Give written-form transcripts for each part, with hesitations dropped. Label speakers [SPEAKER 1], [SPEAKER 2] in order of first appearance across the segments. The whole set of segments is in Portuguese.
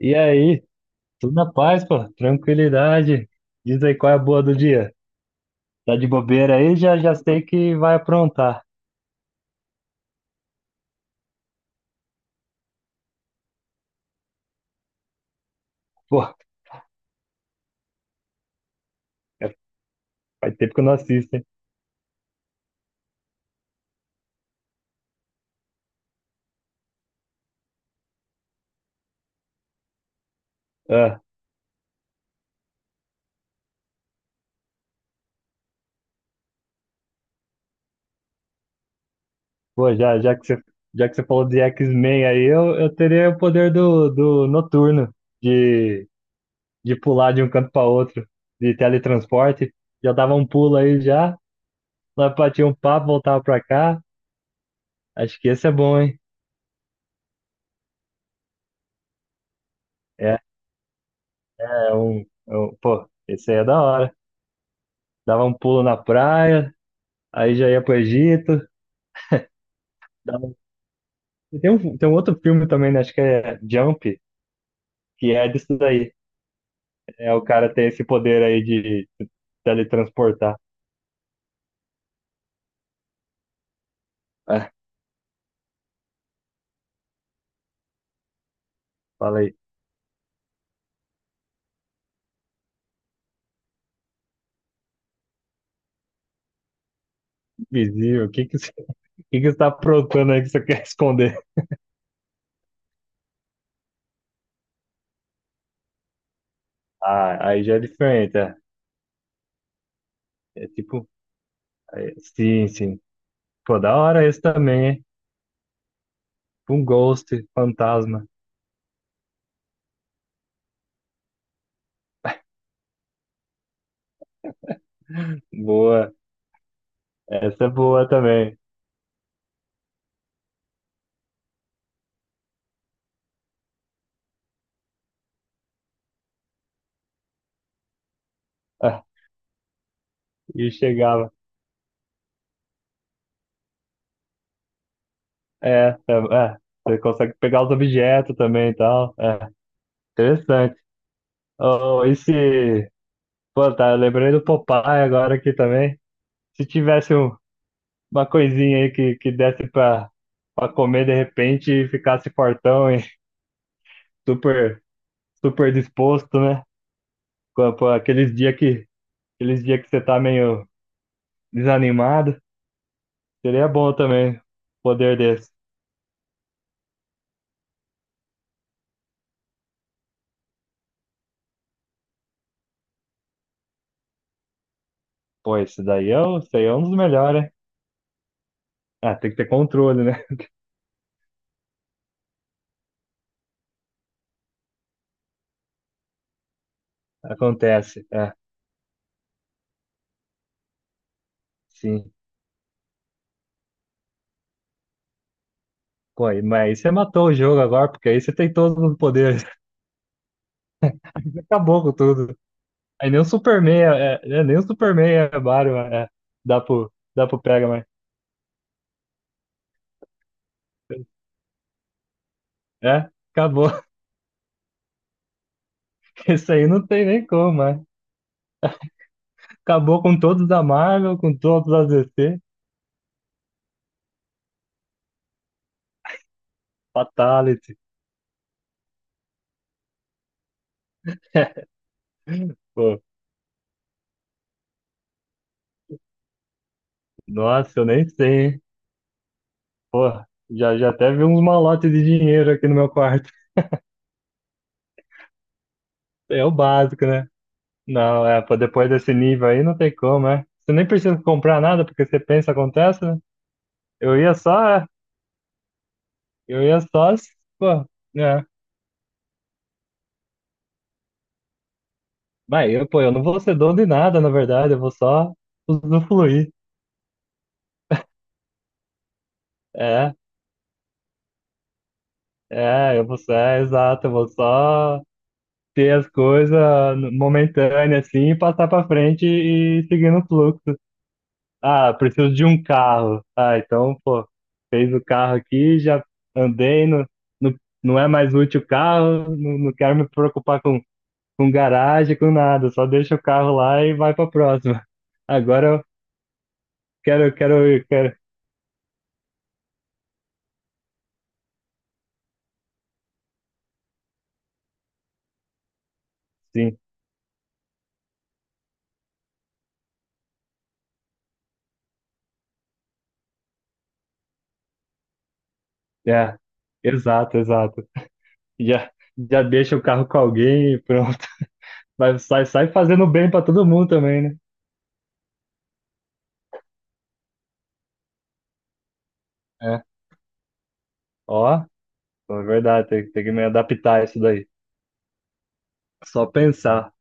[SPEAKER 1] E aí? Tudo na paz, pô. Tranquilidade. Diz aí qual é a boa do dia. Tá de bobeira aí? Já sei que vai aprontar. Pô, é- faz tempo que eu não assisto, hein? Ah, pô, já, já que você falou de X-Men aí, eu teria o poder do, do noturno, de, de pular de um canto para outro, de teletransporte. Já dava um pulo aí já, lá batia um papo, voltava pra cá. Acho que esse é bom, hein? É, é um, é um, pô, esse aí é da hora. Dava um pulo na praia. Aí já ia pro Egito. dava- E tem um, tem um outro filme também, né? Acho que é Jump, que é disso daí. É o cara ter esse poder aí de teletransportar. É, fala aí, invisível, o que que, o que que você tá aprontando aí que você quer esconder? Ah, aí já é diferente, é. É tipo, sim, sim. Pô, da hora esse também, hein? Um ghost, fantasma. Boa, essa é boa também. Ah, e chegava. É, é, é, você consegue pegar os objetos também e tal. É, interessante. Oh, esse. Pô, tá, eu lembrei do Popeye agora aqui também. Se tivesse um- Uma coisinha aí que desse pra, pra comer de repente e ficasse fortão e super, super disposto, né? Com aqueles dias que, aqueles dia que você tá meio desanimado, seria bom também poder desse. Pô, esse daí é, esse aí é um dos melhores, hein? Ah, tem que ter controle, né? Acontece. É, sim. Pô, mas aí você matou o jogo agora, porque aí você tem todos os poderes. Acabou com tudo. Aí nem o Superman é, nem o Superman é Batman, é, dá pro pega, mas é, acabou. Isso aí não tem nem como, mas acabou com todos da Marvel, com todos da DC. Fatality. Pô, nossa, eu nem sei, hein? Porra, já até vi uns malotes de dinheiro aqui no meu quarto. É o básico, né? Não, é, pô, depois desse nível aí não tem como, é. Você nem precisa comprar nada, porque você pensa, acontece, né? Eu ia só, é, eu ia só, pô, é. Mas eu, pô, eu não vou ser dono de nada, na verdade, eu vou só usufruir. É, é, eu vou ser, é, exato, eu vou só ter as coisas momentâneas assim e passar pra frente e seguindo o fluxo. Ah, preciso de um carro. Ah, então, pô, fez o carro aqui, já andei, no, não é mais útil o carro, não, não quero me preocupar com garagem, com nada, só deixa o carro lá e vai pra próxima. Agora eu quero, quero, quero, sim. É, exato, exato. Já, já deixa o carro com alguém e pronto. Vai, sai, sai fazendo bem pra todo mundo também, né? É. Ó, é verdade, tem, tem que me adaptar a isso daí. Só pensar.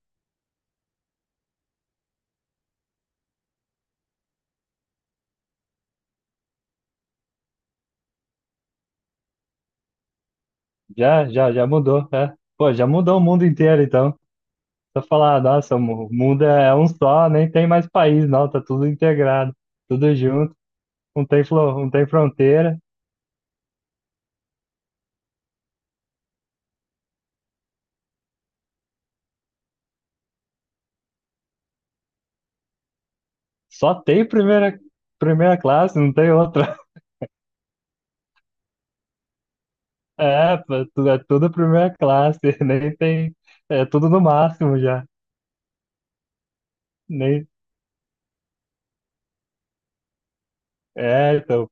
[SPEAKER 1] Já mudou, é. Pô, já mudou o mundo inteiro, então. Só falar, nossa, o mundo é um só, nem tem mais país, não, tá tudo integrado, tudo junto, não tem fronteira, só tem primeira, primeira classe, não tem outra. É, pô, é tudo primeira classe, nem tem. É tudo no máximo já. Nem, é, então,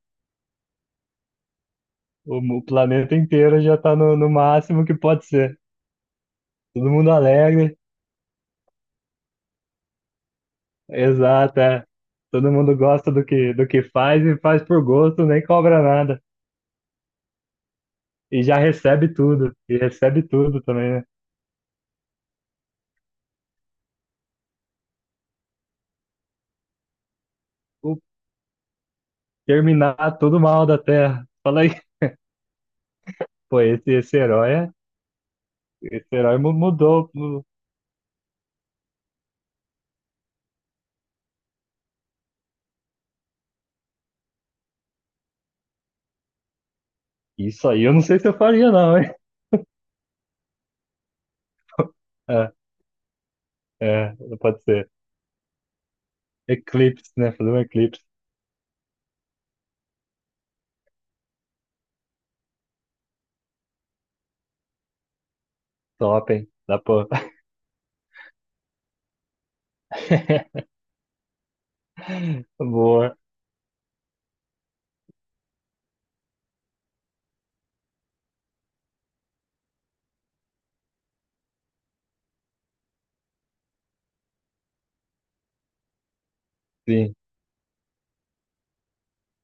[SPEAKER 1] o planeta inteiro já tá no, no máximo que pode ser. Todo mundo alegre, exato, é. Todo mundo gosta do que faz e faz por gosto, nem cobra nada. E já recebe tudo, e recebe tudo também, né? O, terminar tudo mal da Terra. Fala aí, pô, esse herói, esse herói mudou. Isso aí eu não sei se eu faria, não, hein? É, é, pode ser. Eclipse, né? Fazer um eclipse top, hein? Dá pra. Boa, sim.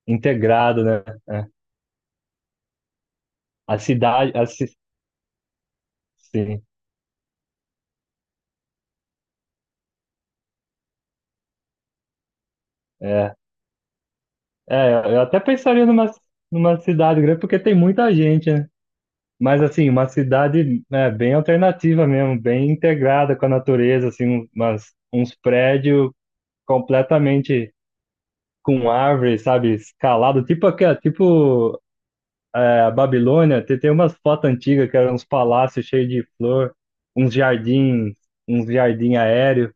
[SPEAKER 1] Integrado, né? É. A cidade, a ci- sim. É, eu até pensaria numa, numa cidade grande, porque tem muita gente, né? Mas, assim, uma cidade né, bem alternativa mesmo, bem integrada com a natureza, assim, umas, uns prédios completamente com árvores, sabe? Escalado, tipo, aquela, tipo é, a Babilônia, tem, tem umas fotos antigas que eram uns palácios cheios de flor, uns jardins, uns jardim aéreo.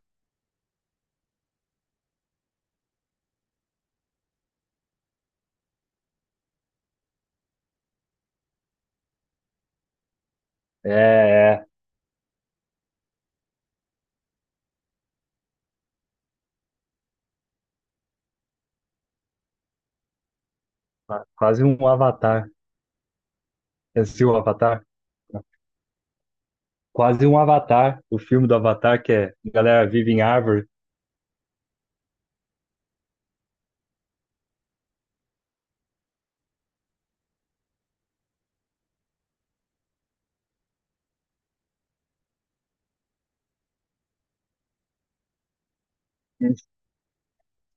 [SPEAKER 1] É, é, quase um Avatar. Esse é o Avatar? Quase um Avatar. O filme do Avatar que é Galera Vive em Árvore.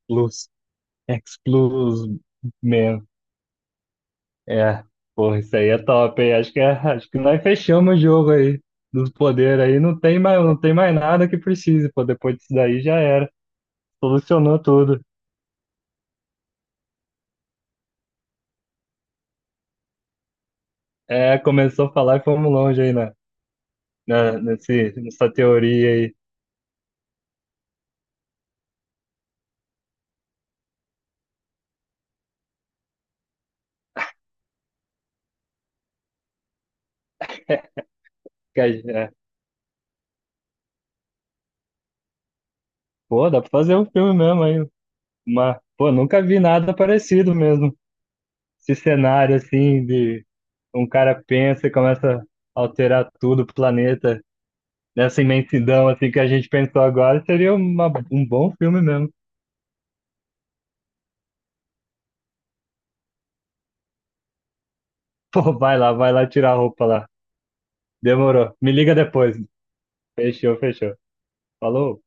[SPEAKER 1] Explus. Explus Man. É, porra, isso aí é top, hein? Acho que, é, acho que nós fechamos o jogo aí. Dos poderes aí, não tem mais, não tem mais nada que precise, pô. Depois disso daí já era. Solucionou tudo. É, começou a falar e fomos longe aí na, nessa teoria aí. Que a- é, pô, dá pra fazer um filme mesmo aí. Mas, pô, nunca vi nada parecido mesmo. Esse cenário assim de um cara pensa e começa a alterar tudo o planeta. Nessa imensidão assim que a gente pensou agora, seria uma, um bom filme mesmo. Pô, vai lá tirar a roupa lá. Demorou. Me liga depois. Fechou, fechou. Falou.